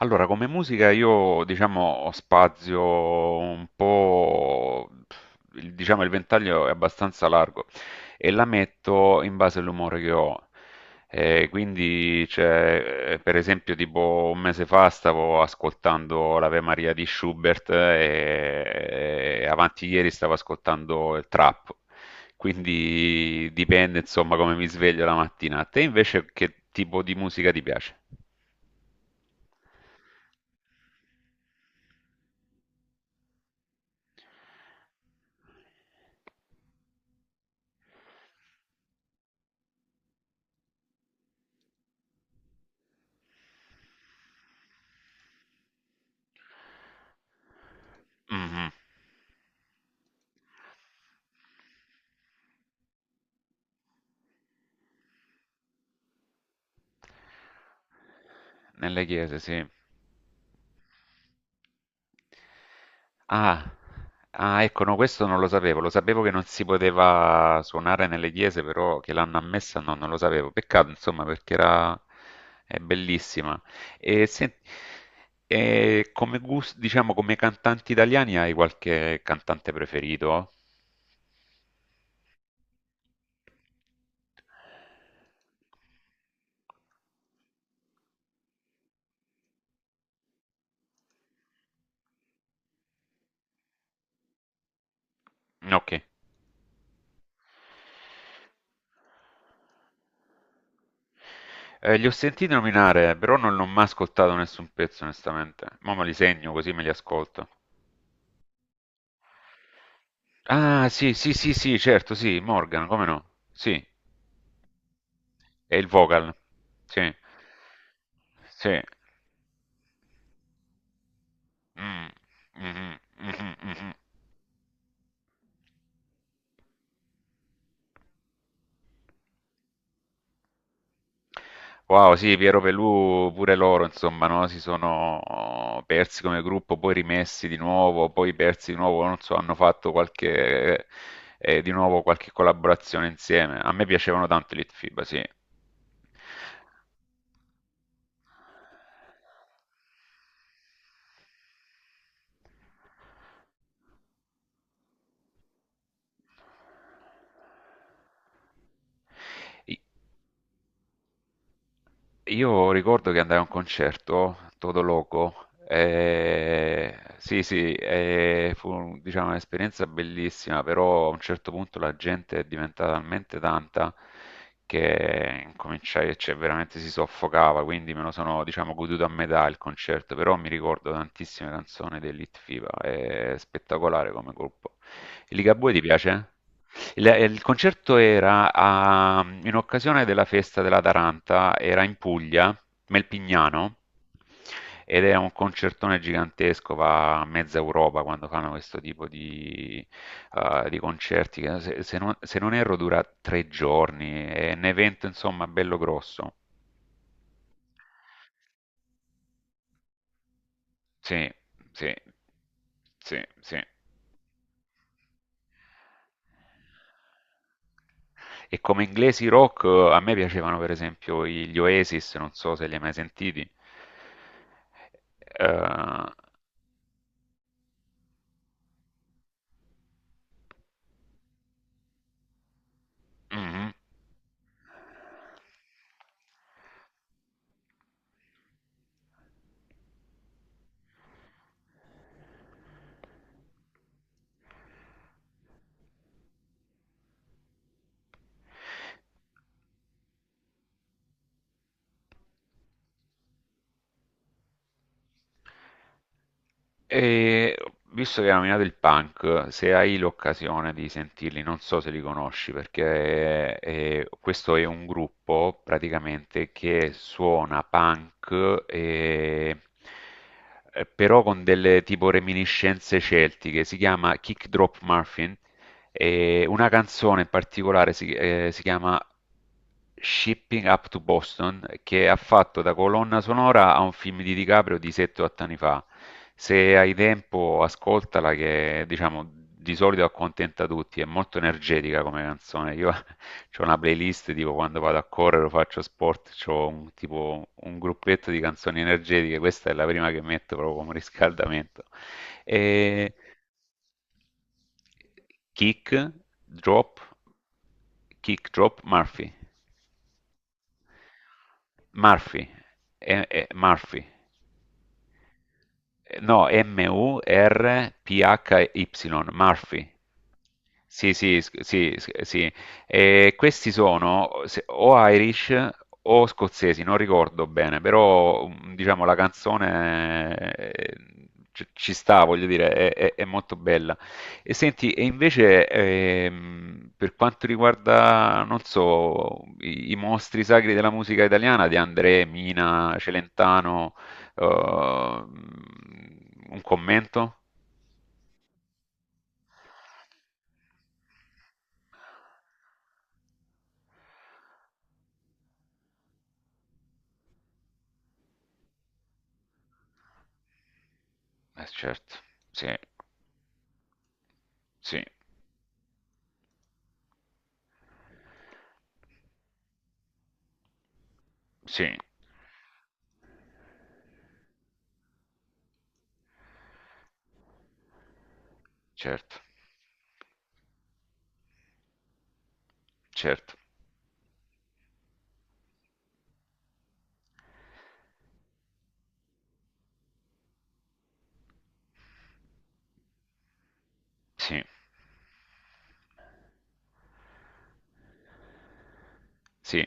Allora, come musica io diciamo ho spazio un po', diciamo il ventaglio è abbastanza largo e la metto in base all'umore che ho. Quindi, c'è, per esempio, tipo un mese fa stavo ascoltando l'Ave Maria di Schubert e avanti ieri stavo ascoltando il trap. Quindi dipende insomma come mi sveglio la mattina. A te invece che tipo di musica ti piace? Mh-mh. Nelle chiese, sì. Ah. Ah, ecco, no, questo non lo sapevo. Lo sapevo che non si poteva suonare nelle chiese, però che l'hanno ammessa no, non lo sapevo. Peccato, insomma, perché era è bellissima. E sen e come gus diciamo, come cantanti italiani hai qualche cantante preferito? No, okay. Li ho sentiti nominare, però non l'ho mai ascoltato nessun pezzo onestamente. Mo' me li segno così me li ascolto. Ah, sì, sì, sì, sì, certo, sì, Morgan, come no? Sì, è il vocal. Sì, sì. Mm. Mhm, mhm, mhm, mhm. Wow, sì, Piero Pelù pure loro, insomma, no? Si sono persi come gruppo, poi rimessi di nuovo, poi persi di nuovo, non so, hanno fatto qualche, di nuovo qualche collaborazione insieme. A me piacevano tanto i Litfiba, sì. Io ricordo che andai a un concerto, Todo Loco, sì sì, e fu diciamo, un'esperienza bellissima, però a un certo punto la gente è diventata talmente tanta che cominciai, cioè veramente si soffocava, quindi me lo sono diciamo, goduto a metà il concerto, però mi ricordo tantissime canzoni dell'Hit FIBA, è spettacolare come gruppo. I Ligabue ti piace? Il concerto era in occasione della festa della Taranta, era in Puglia, Melpignano, ed era un concertone gigantesco, va a mezza Europa quando fanno questo tipo di concerti, che se non erro dura tre giorni, è un evento insomma bello grosso. Sì, sì, sì, sì. E come inglesi rock a me piacevano per esempio gli Oasis, non so se li hai mai sentiti. Eh, mhm. E visto che hai nominato il punk, se hai l'occasione di sentirli, non so se li conosci, perché questo è un gruppo praticamente che suona punk, però con delle tipo reminiscenze celtiche, si chiama Kick Drop Muffin. E una canzone in particolare si chiama Shipping Up to Boston, che ha fatto da colonna sonora a un film di DiCaprio di 7-8 anni fa. Se hai tempo, ascoltala, che diciamo di solito accontenta tutti. È molto energetica come canzone. Io ho una playlist tipo quando vado a correre o faccio sport, ho un, tipo un gruppetto di canzoni energetiche. Questa è la prima che metto proprio come riscaldamento. E Kick Drop Kick Drop Murphy. Murphy Murphy. No, M-U-R-P-H-Y, Murphy. Sì, sì, sì, sì. E questi sono o Irish o scozzesi, non ricordo bene, però mm, diciamo la canzone ci sta, voglio dire, è molto bella. E senti, e invece per quanto riguarda, non so, i mostri sacri della musica italiana di André, Mina, Celentano, uh, un commento? Certo, sì, sì, sì, certo, certo, sì, sì.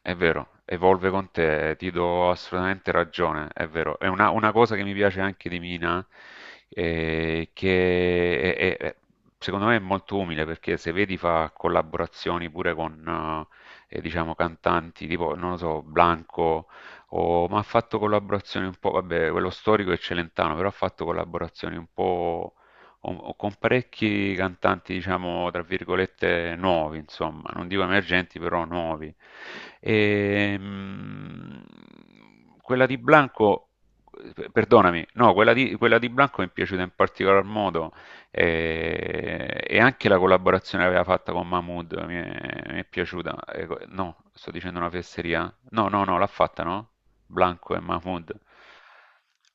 È vero, evolve con te, ti do assolutamente ragione, è vero. È una cosa che mi piace anche di Mina, che secondo me è molto umile, perché se vedi fa collaborazioni pure con, diciamo, cantanti, tipo, non lo so, Blanco, o, ma ha fatto collaborazioni un po', vabbè, quello storico è Celentano, però ha fatto collaborazioni un po' o con parecchi cantanti, diciamo, tra virgolette, nuovi, insomma, non dico emergenti, però nuovi. E, quella di Blanco, perdonami, no, quella di Blanco mi è piaciuta in particolar modo anche la collaborazione che aveva fatta con Mahmood mi è piaciuta. No, sto dicendo una fesseria. No, no, no, l'ha fatta, no? Blanco e Mahmood.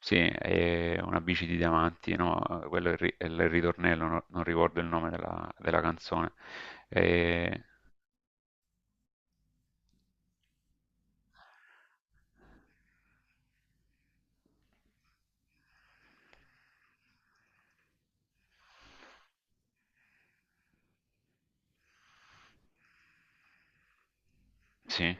Sì, è una bici di diamanti, no? Quello è è il ritornello, non ricordo il nome della canzone. Eh, sì,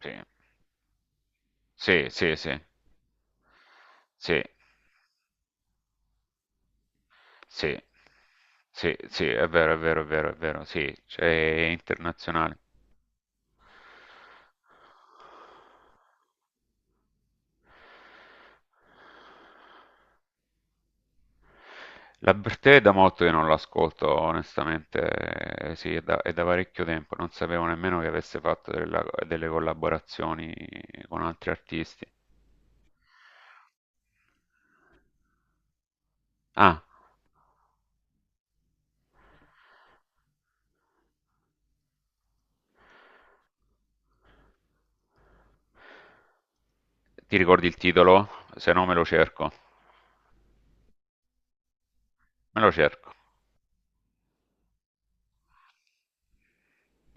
sì, sì, sì, sì, sì, sì, sì, sì, è vero, è vero, è vero, è vero, sì, cioè, è internazionale. La Bertè è da molto che non l'ascolto, onestamente, sì, è da parecchio tempo, non sapevo nemmeno che avesse fatto delle collaborazioni con altri artisti. Ah, ti ricordi il titolo? Se no me lo cerco. Me lo cerco.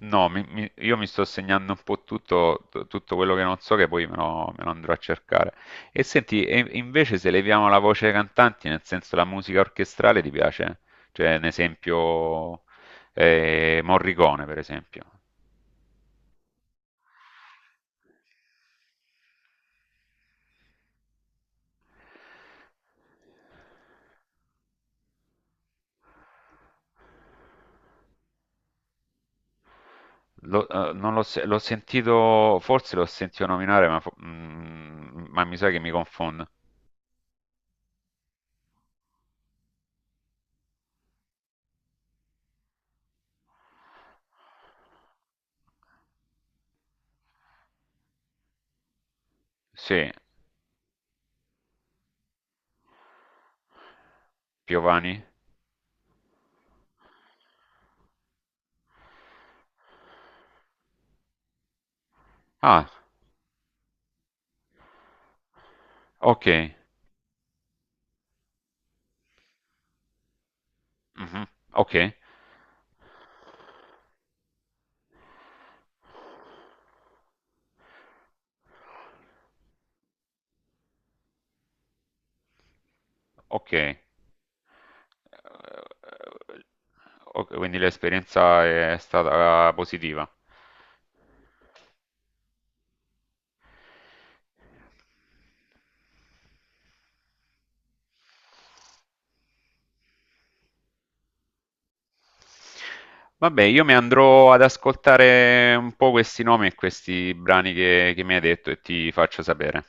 No, io mi sto segnando un po' tutto, tutto quello che non so che poi me lo andrò a cercare. E senti, e invece se leviamo la voce ai cantanti, nel senso la musica orchestrale ti piace? Cioè, un esempio, Morricone, per esempio. Non l'ho se- l'ho sentito, forse l'ho sentito nominare, ma, ma mi sa che mi confondo. Sì, Piovani. Ah, ok. Mh-mh. Okay, okay. Uhm, oka quindi l'esperienza è stata positiva. Vabbè, io mi andrò ad ascoltare un po' questi nomi e questi brani che mi hai detto e ti faccio sapere.